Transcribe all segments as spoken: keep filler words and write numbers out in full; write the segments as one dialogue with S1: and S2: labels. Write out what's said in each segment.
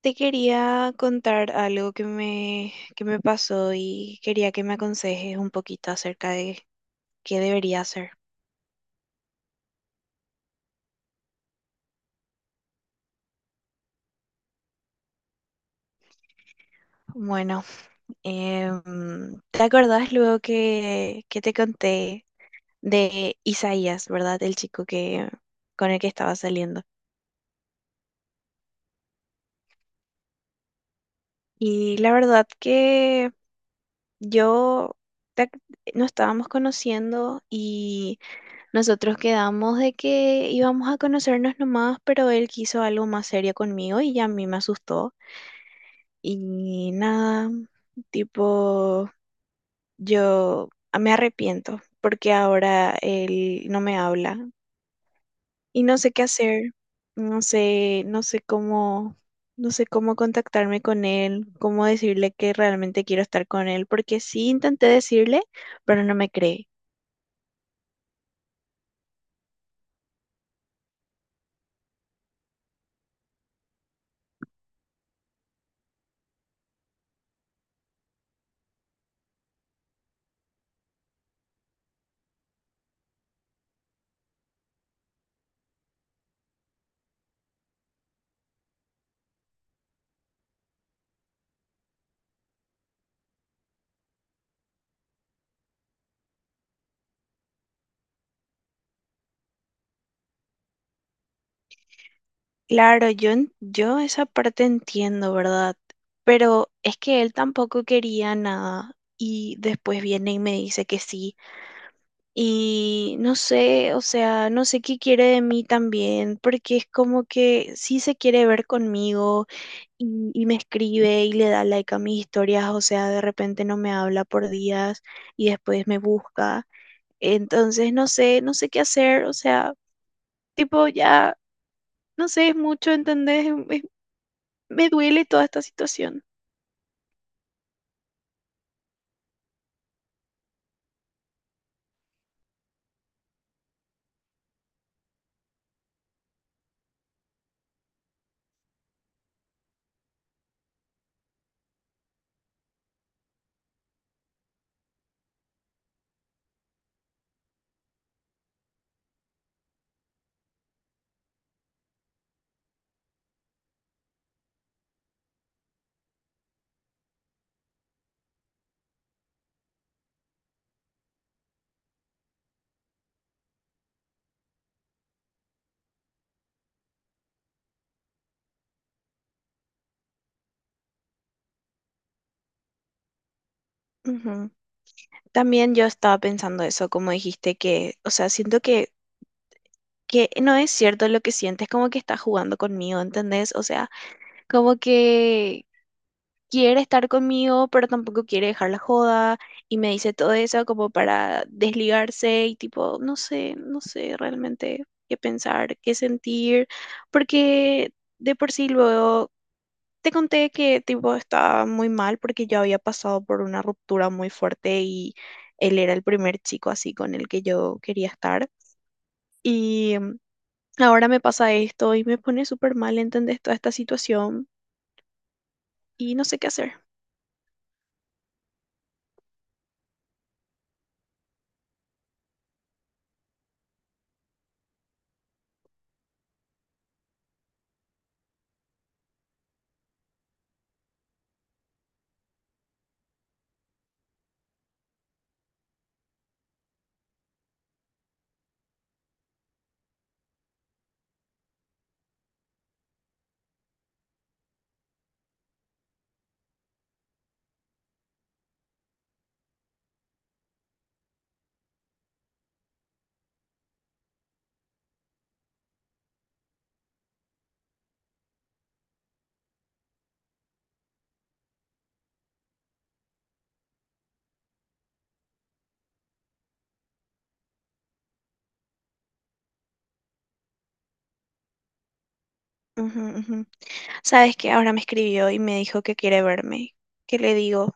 S1: Te quería contar algo que me, que me pasó y quería que me aconsejes un poquito acerca de qué debería hacer. Bueno, em, ¿te acordás luego que, que te conté de Isaías? ¿Verdad? El chico que, con el que estaba saliendo. Y la verdad que yo te ac- nos estábamos conociendo y nosotros quedamos de que íbamos a conocernos nomás, pero él quiso algo más serio conmigo y ya a mí me asustó. Y nada, tipo, yo ah, me arrepiento porque ahora él no me habla y no sé qué hacer, no sé, no sé cómo, no sé cómo contactarme con él, cómo decirle que realmente quiero estar con él, porque sí intenté decirle, pero no me cree. Claro, yo, en- yo esa parte entiendo, ¿verdad? Pero es que él tampoco quería nada y después viene y me dice que sí. Y no sé, o sea, no sé qué quiere de mí también, porque es como que sí se quiere ver conmigo y, y me escribe y le da like a mis historias. O sea, de repente no me habla por días y después me busca. Entonces, no sé, no sé qué hacer, o sea, tipo ya, no sé, es mucho, ¿entendés? Me duele toda esta situación. Ujú. También yo estaba pensando eso, como dijiste, que, o sea, siento que, que no es cierto lo que sientes, como que estás jugando conmigo, ¿entendés? O sea, como que quiere estar conmigo, pero tampoco quiere dejar la joda y me dice todo eso como para desligarse y tipo, no sé, no sé realmente qué pensar, qué sentir, porque de por sí luego te conté que tipo estaba muy mal porque yo había pasado por una ruptura muy fuerte y él era el primer chico así con el que yo quería estar. Y mm, ahora me pasa esto y me pone súper mal, ¿entendés? Toda esta situación y no sé qué hacer. Ujú, ujú. Sabes que ahora me escribió y me dijo que quiere verme. ¿Qué le digo?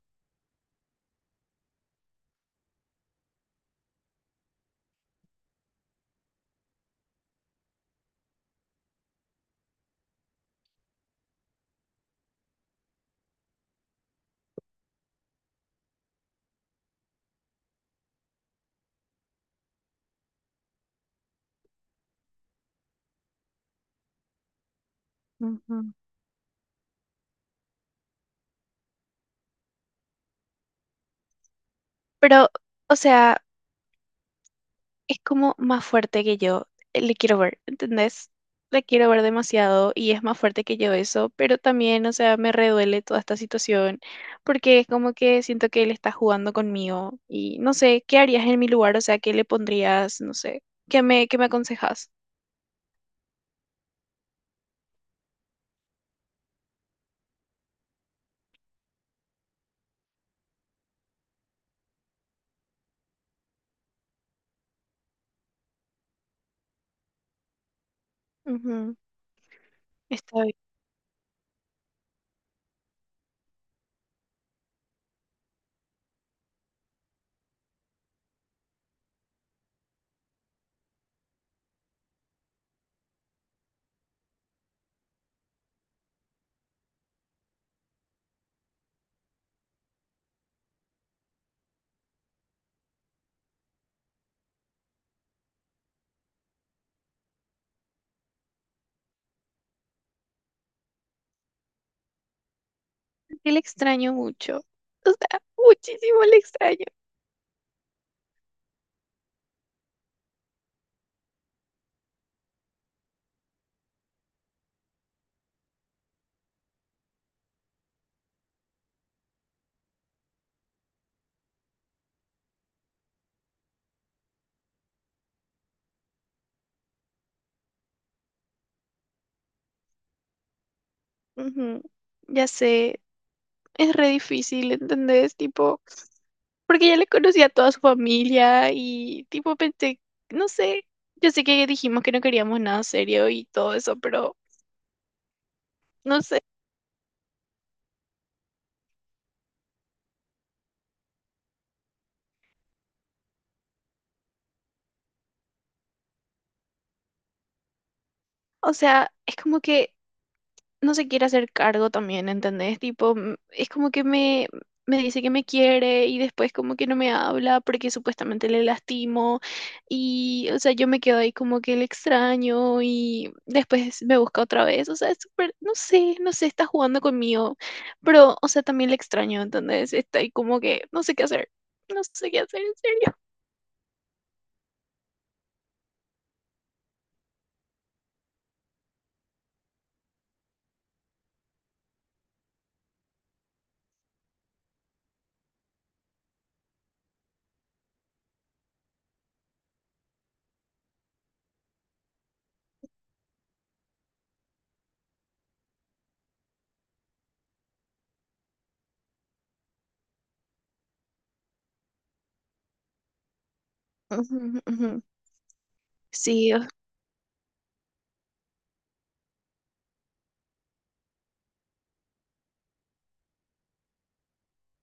S1: Ujú. Pero, o sea, es como más fuerte que yo. eh, Le quiero ver, ¿entendés? Le quiero ver demasiado y es más fuerte que yo eso, pero también, o sea, me reduele toda esta situación porque es como que siento que él está jugando conmigo y no sé, ¿qué harías en mi lugar? O sea, ¿qué le pondrías? No sé, ¿qué me, ¿qué me aconsejas? Ujú. Está bien. Que le extraño mucho. O sea, muchísimo le extraño. Ujú, ya sé, es re difícil, ¿entendés? Tipo, porque ya le conocía a toda su familia y tipo pensé, no sé, yo sé que dijimos que no queríamos nada serio y todo eso, pero no sé, o sea, es como que no se quiere hacer cargo también, ¿entendés? Tipo, mm, es como que me, me dice que me quiere y después como que no me habla porque supuestamente le lastimo y, o sea, yo me quedo ahí como que le extraño y después me busca otra vez. O sea, es súper, no sé, no sé, está jugando conmigo, pero, o sea, también le extraño, ¿entendés? Está ahí como que no sé qué hacer, no sé qué hacer, en serio. Ujú, ujú. Sí, o-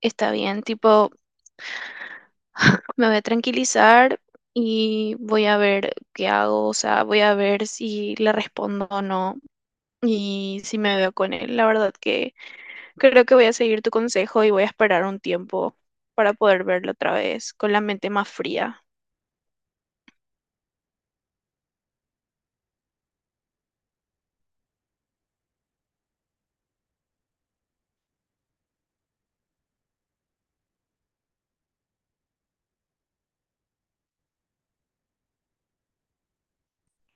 S1: está bien, tipo... Me voy a tranquilizar y voy a ver qué hago, o sea, voy a ver si le respondo o no y si me veo con él. La verdad que creo que voy a seguir tu consejo y voy a esperar un tiempo para poder verlo otra vez con la mente más fría.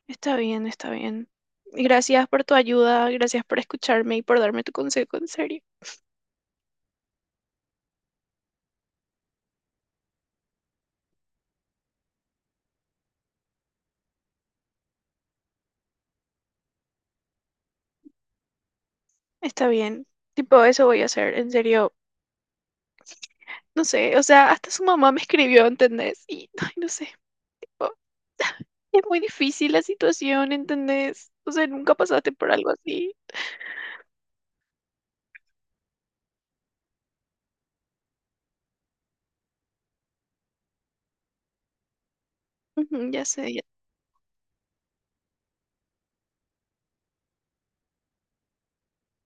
S1: Está bien, está bien. Gracias por tu ayuda, gracias por escucharme y por darme tu consejo, en serio. Está bien. Tipo, eso voy a hacer, en serio. No sé, o sea, hasta su mamá me escribió, ¿entendés? Y, ay, no sé. Es muy difícil la situación, ¿entendés? O sea, nunca pasaste por algo así. Ujú, ya sé, ya.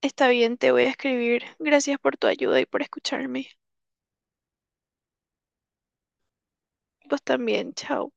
S1: Está bien, te voy a escribir. Gracias por tu ayuda y por escucharme. Vos también, chao.